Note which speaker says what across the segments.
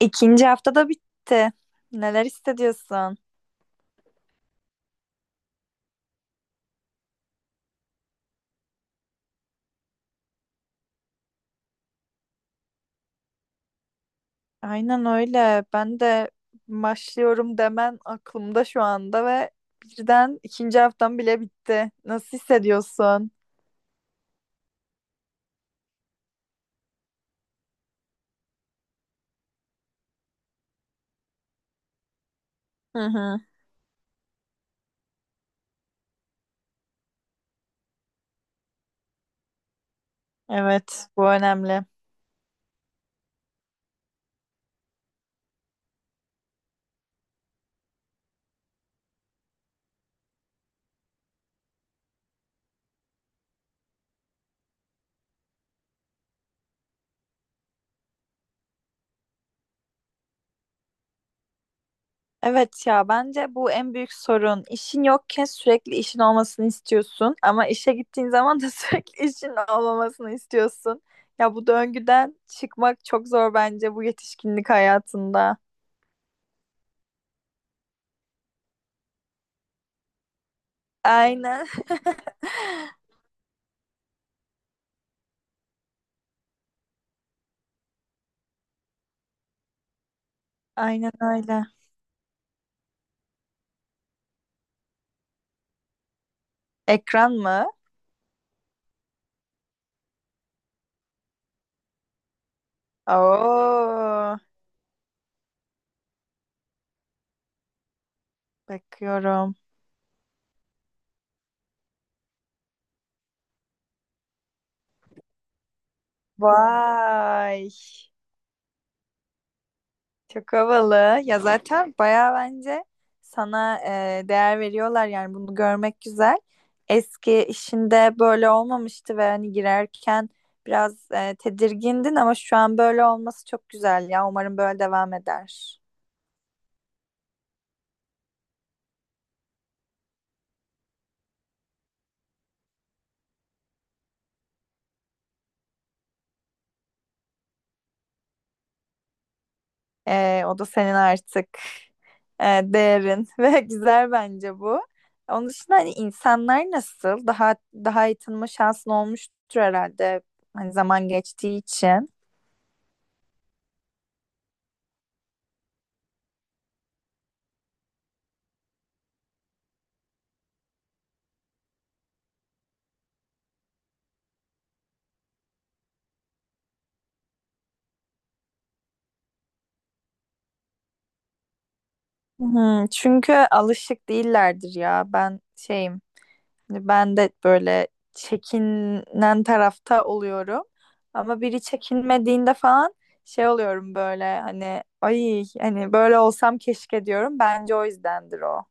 Speaker 1: İkinci haftada bitti. Neler hissediyorsun? Aynen öyle. Ben de başlıyorum demen aklımda şu anda ve birden ikinci haftam bile bitti. Nasıl hissediyorsun? Hı hı. Evet, bu önemli. Evet ya bence bu en büyük sorun. İşin yokken sürekli işin olmasını istiyorsun ama işe gittiğin zaman da sürekli işin olmamasını istiyorsun. Ya bu döngüden çıkmak çok zor bence bu yetişkinlik hayatında. Aynen. Aynen öyle. Ekran mı? Oo, bakıyorum. Vay, çok havalı. Ya zaten bayağı bence sana değer veriyorlar yani bunu görmek güzel. Eski işinde böyle olmamıştı ve hani girerken biraz tedirgindin ama şu an böyle olması çok güzel ya. Umarım böyle devam eder. O da senin artık değerin ve güzel bence bu. Onun dışında hani insanlar nasıl? Daha daha iyi tanıma şansın olmuştur herhalde. Hani zaman geçtiği için. Hı, çünkü alışık değillerdir ya. Ben şeyim. Hani ben de böyle çekinen tarafta oluyorum. Ama biri çekinmediğinde falan şey oluyorum böyle hani ay hani böyle olsam keşke diyorum. Bence o yüzdendir o.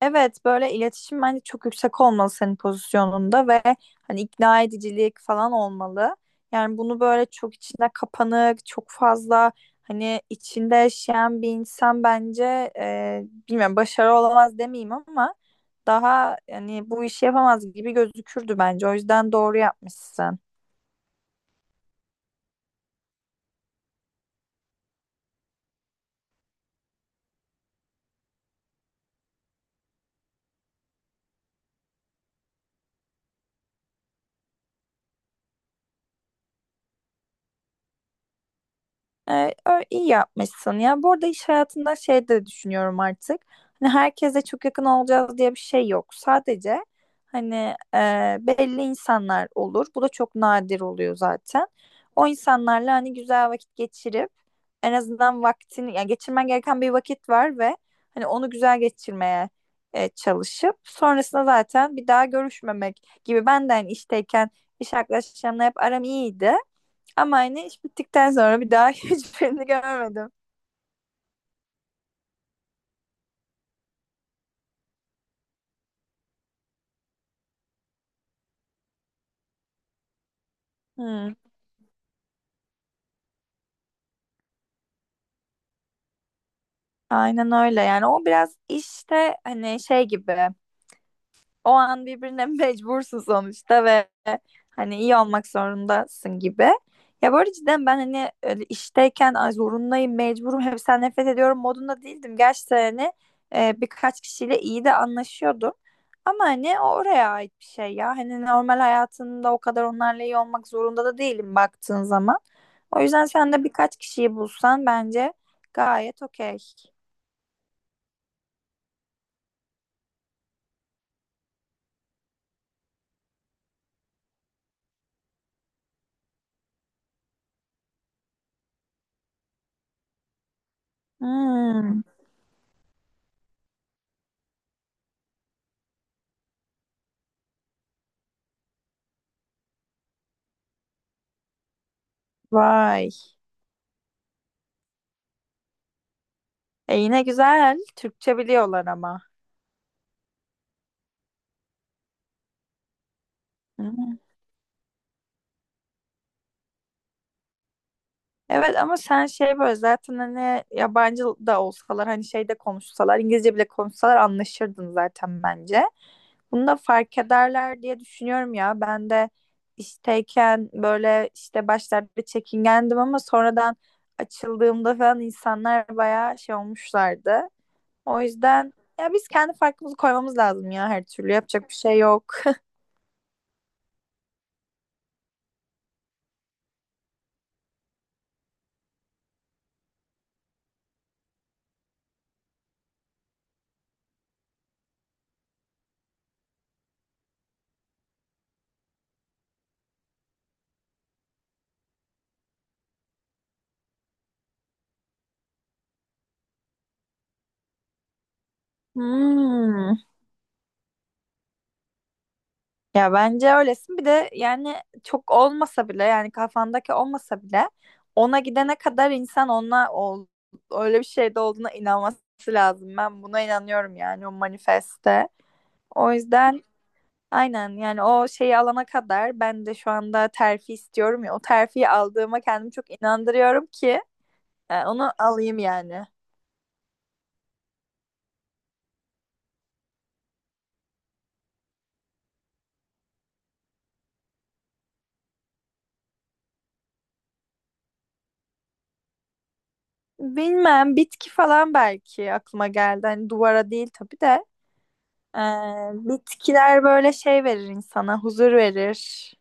Speaker 1: Evet böyle iletişim bence çok yüksek olmalı senin pozisyonunda ve hani ikna edicilik falan olmalı. Yani bunu böyle çok içine kapanık, çok fazla hani içinde yaşayan bir insan bence e, bilmiyorum başarı olamaz demeyeyim ama daha yani bu işi yapamaz gibi gözükürdü bence. O yüzden doğru yapmışsın. İyi yapmışsın ya. Bu arada iş hayatında şey de düşünüyorum artık. Hani herkese çok yakın olacağız diye bir şey yok. Sadece hani e, belli insanlar olur. Bu da çok nadir oluyor zaten. O insanlarla hani güzel vakit geçirip en azından vaktini yani geçirmen gereken bir vakit var ve hani onu güzel geçirmeye çalışıp sonrasında zaten bir daha görüşmemek gibi. Ben de hani işteyken iş arkadaşlarımla hep aram iyiydi. Ama yine iş bittikten sonra bir daha hiçbirini görmedim. Hmm, aynen öyle yani o biraz işte hani şey gibi. O an birbirine mecbursun sonuçta ve hani iyi olmak zorundasın gibi. Ya bu arada cidden ben hani öyle işteyken ay zorundayım, mecburum, hepsinden nefret ediyorum modunda değildim. Gerçi hani birkaç kişiyle iyi de anlaşıyordum. Ama hani o oraya ait bir şey ya. Hani normal hayatında o kadar onlarla iyi olmak zorunda da değilim baktığın zaman. O yüzden sen de birkaç kişiyi bulsan bence gayet okey. Hmm, vay. E yine güzel. Türkçe biliyorlar ama. Hı. Evet ama sen şey böyle zaten hani yabancı da olsalar hani şeyde konuşsalar İngilizce bile konuşsalar anlaşırdın zaten bence. Bunu da fark ederler diye düşünüyorum ya. Ben de işteyken böyle işte başlarda çekingendim ama sonradan açıldığımda falan insanlar bayağı şey olmuşlardı. O yüzden ya biz kendi farkımızı koymamız lazım ya her türlü yapacak bir şey yok. Hmm. Ya bence öylesin. Bir de yani çok olmasa bile yani kafandaki olmasa bile ona gidene kadar insan ona öyle bir şeyde olduğuna inanması lazım. Ben buna inanıyorum yani o manifeste. O yüzden aynen yani o şeyi alana kadar ben de şu anda terfi istiyorum ya. O terfiyi aldığıma kendimi çok inandırıyorum ki onu alayım yani. Bilmem bitki falan belki aklıma geldi. Hani duvara değil tabii de. Ee, bitkiler böyle şey verir insana, huzur verir.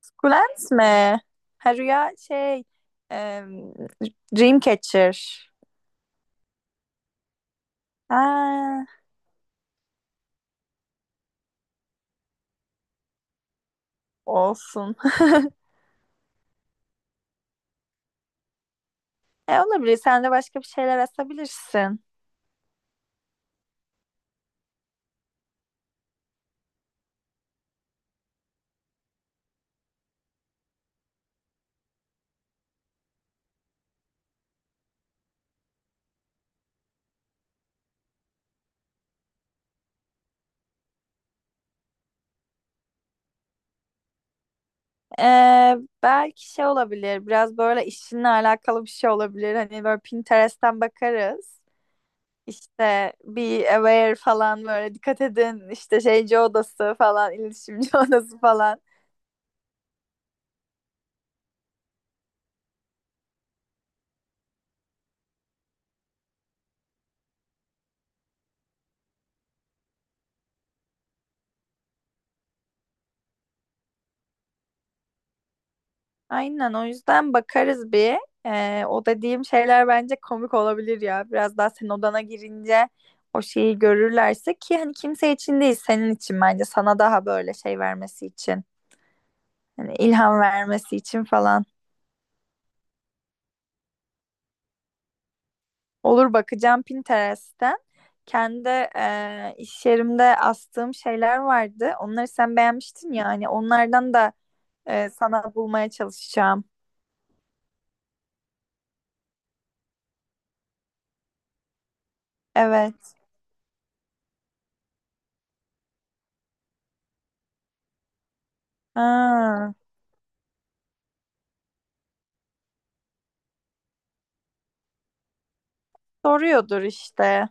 Speaker 1: Sukulent mi? Ha rüya şey, e, Dreamcatcher. Ha, olsun. E olabilir. Sen de başka bir şeyler asabilirsin. Ee, belki şey olabilir. Biraz böyle işinle alakalı bir şey olabilir. Hani böyle Pinterest'ten bakarız. İşte be aware falan böyle dikkat edin. İşte şeyci odası falan, iletişimci odası falan. Aynen o yüzden bakarız bir. O dediğim şeyler bence komik olabilir ya. Biraz daha sen odana girince o şeyi görürlerse ki hani kimse için değil senin için bence sana daha böyle şey vermesi için. Hani ilham vermesi için falan. Olur bakacağım Pinterest'ten. Kendi iş yerimde astığım şeyler vardı. Onları sen beğenmiştin ya hani onlardan da sana bulmaya çalışacağım. Evet. Ha, soruyordur işte.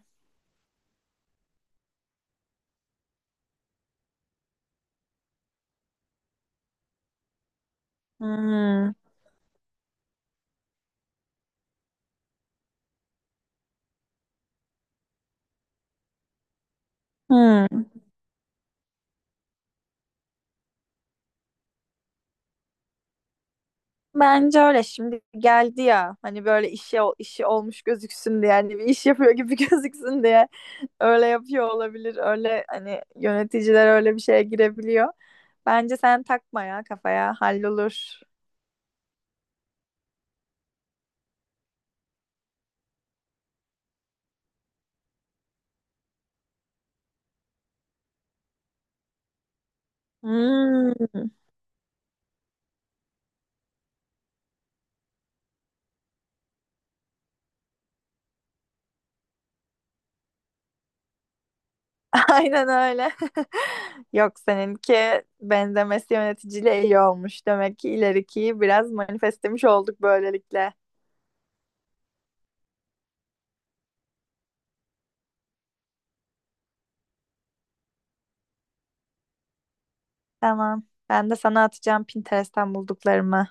Speaker 1: Hmm. Hmm. Bence öyle şimdi geldi ya hani böyle işi olmuş gözüksün diye yani bir iş yapıyor gibi gözüksün diye öyle yapıyor olabilir öyle hani yöneticiler öyle bir şeye girebiliyor. Bence sen takma ya kafaya hallolur. Hmm. Aynen öyle. Yok seninki benzemesi yöneticiyle iyi olmuş. Demek ki ilerikiyi biraz manifestemiş olduk böylelikle. Tamam. Ben de sana atacağım Pinterest'ten bulduklarımı.